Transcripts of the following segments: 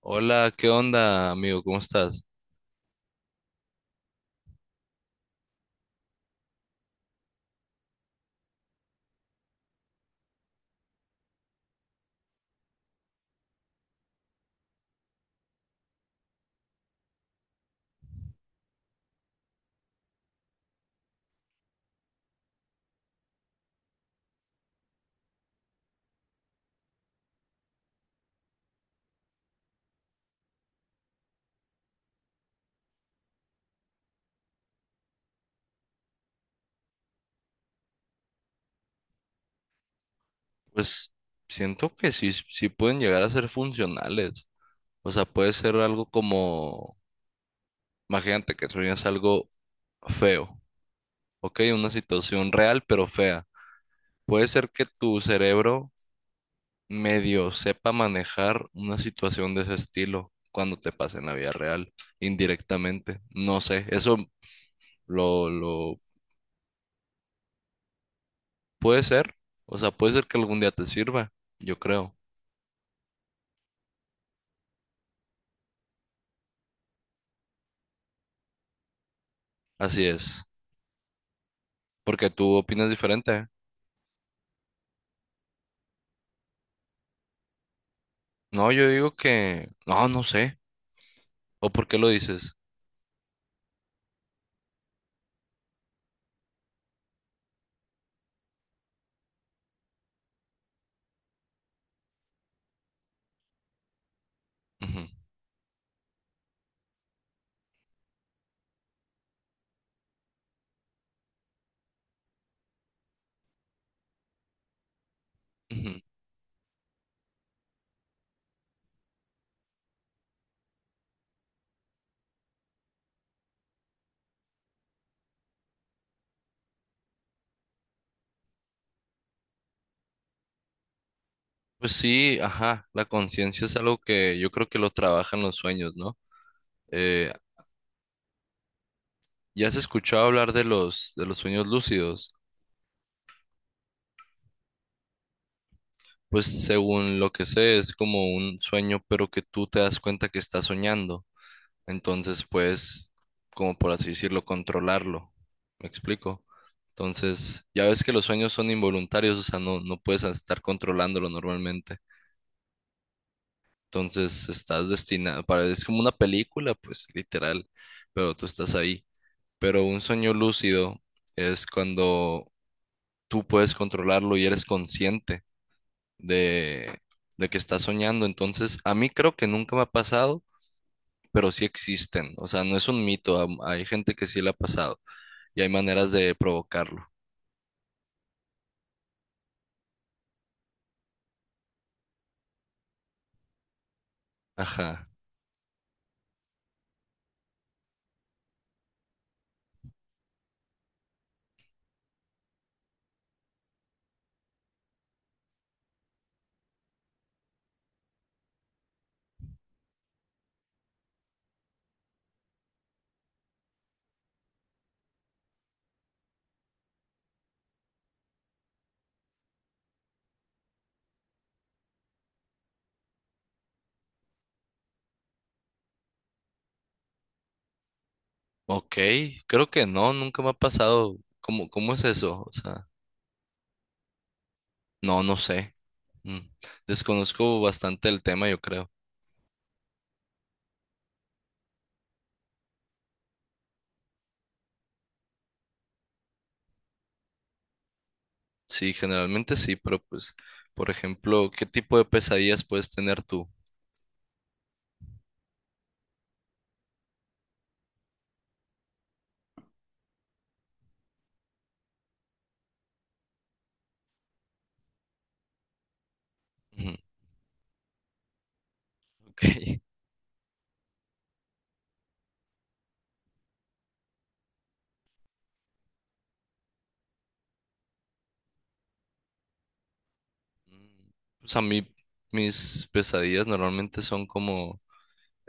Hola, ¿qué onda, amigo? ¿Cómo estás? Pues siento que sí, sí pueden llegar a ser funcionales. O sea, puede ser algo como, imagínate que sueñas algo feo, ¿ok? Una situación real pero fea. Puede ser que tu cerebro medio sepa manejar una situación de ese estilo cuando te pase en la vida real, indirectamente. No sé, eso lo puede ser. O sea, puede ser que algún día te sirva, yo creo. Así es. Porque tú opinas diferente. No, yo digo que, no, no sé. ¿O por qué lo dices? Ujú, ujú. Pues sí, ajá, la conciencia es algo que yo creo que lo trabajan los sueños, ¿no? Eh, ¿Ya has escuchado hablar de de los sueños lúcidos? Pues según lo que sé, es como un sueño, pero que tú te das cuenta que estás soñando. Entonces puedes, como por así decirlo, controlarlo. ¿Me explico? Entonces, ya ves que los sueños son involuntarios, o sea, no, no puedes estar controlándolo normalmente. Entonces, estás destinado, para, es como una película, pues, literal, pero tú estás ahí. Pero un sueño lúcido es cuando tú puedes controlarlo y eres consciente de, de que estás soñando. Entonces, a mí creo que nunca me ha pasado, pero sí existen. O sea, no es un mito, hay gente que sí le ha pasado. Y hay maneras de provocarlo. Ajá. Ok, creo que no, nunca me ha pasado. ¿Cómo, cómo es eso? O sea, no, no sé. Mm. Desconozco bastante el tema, yo creo. Sí, generalmente sí, pero pues, por ejemplo, ¿qué tipo de pesadillas puedes tener tú? Ujú, ok. Mm, pues a mí, mis pesadillas normalmente son como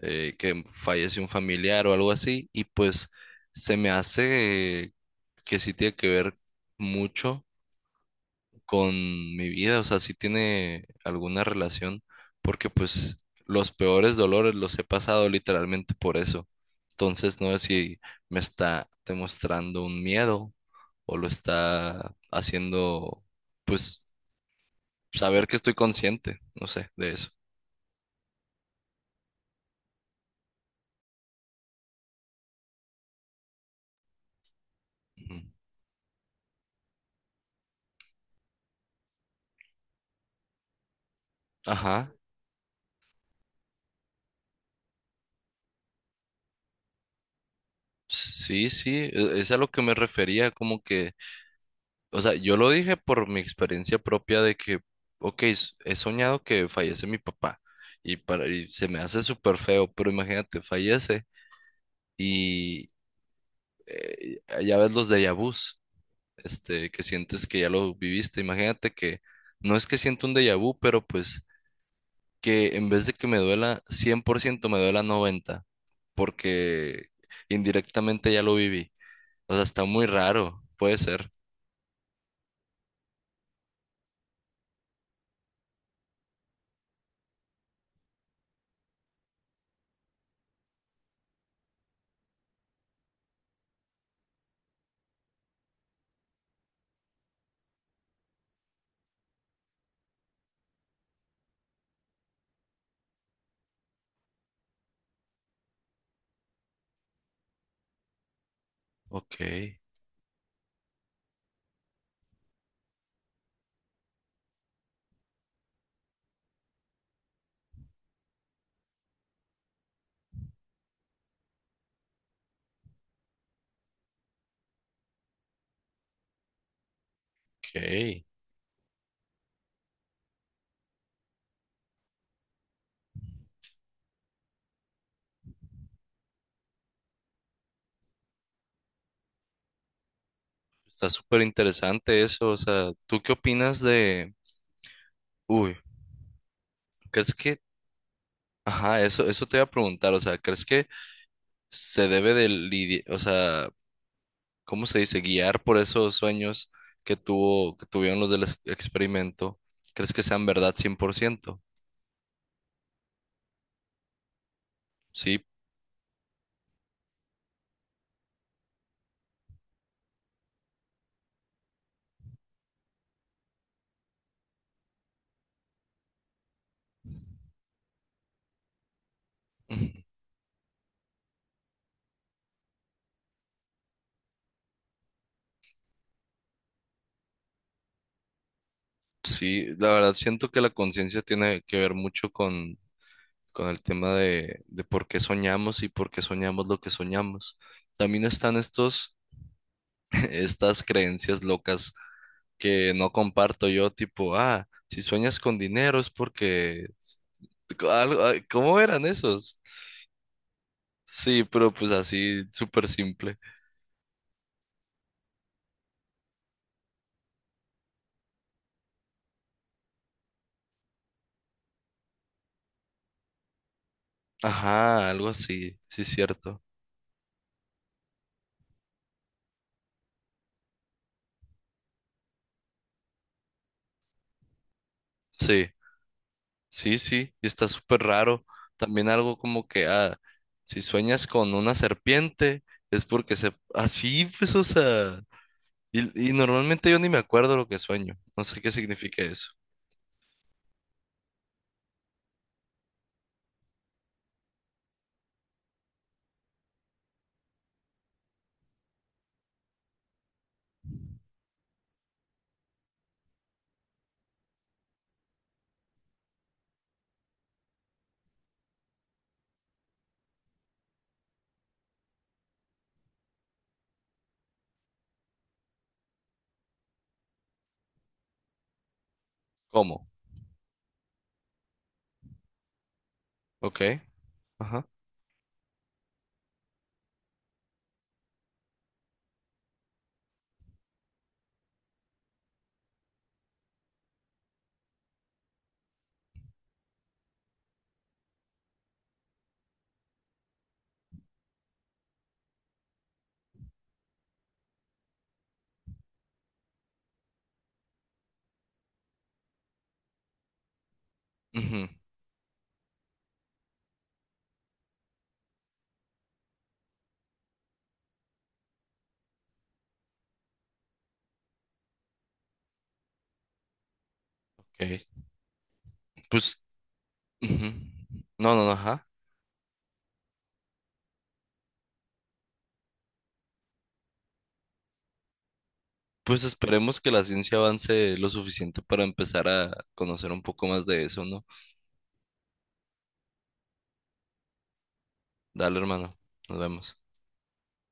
que fallece un familiar o algo así, y pues se me hace que sí tiene que ver mucho con mi vida, o sea, sí tiene alguna relación, porque pues los peores dolores los he pasado literalmente por eso. Entonces, no sé si me está demostrando un miedo o lo está haciendo, pues, saber que estoy consciente, no sé, de eso. Ujú. Ajá, sí, sí, es a lo que me refería, como que o sea, yo lo dije por mi experiencia propia de que, ok, he soñado que fallece mi papá y, para, y se me hace súper feo, pero imagínate, fallece y eh, ya ves los déjà vus, este, que sientes que ya lo viviste. Imagínate que no es que siento un déjà vu, pero pues que en vez de que me duela 100% me duela 90%, porque indirectamente ya lo viví. O sea, está muy raro, puede ser. Ok, ok. Está súper interesante eso, o sea, ¿tú qué opinas de... Uy, ¿crees que... Ajá, eso te iba a preguntar, o sea, ¿crees que se debe de lidiar, o sea, ¿cómo se dice? Guiar por esos sueños que tuvo, que tuvieron los del experimento, ¿crees que sean verdad 100%? Sí, ujú. Sí, la verdad siento que la conciencia tiene que ver mucho con el tema de por qué soñamos y por qué soñamos lo que soñamos. También están estos, estas creencias locas que no comparto yo, tipo, ah, si sueñas con dinero es porque algo, ah, ¿cómo eran esos? Sí, pero pues así, súper simple. Ajá, algo así, sí, cierto. Sí, sí, sí, y está súper raro. También algo como que, ah, si sueñas con una serpiente es porque se... Así, pues, o sea, y normalmente yo ni me acuerdo lo que sueño, no sé qué significa eso. ¿Cómo? Ok, ajá. Ujú, ok. Pues ujú. No, no, no, ajá. Pues esperemos que la ciencia avance lo suficiente para empezar a conocer un poco más de eso, ¿no? Dale, hermano. Nos vemos.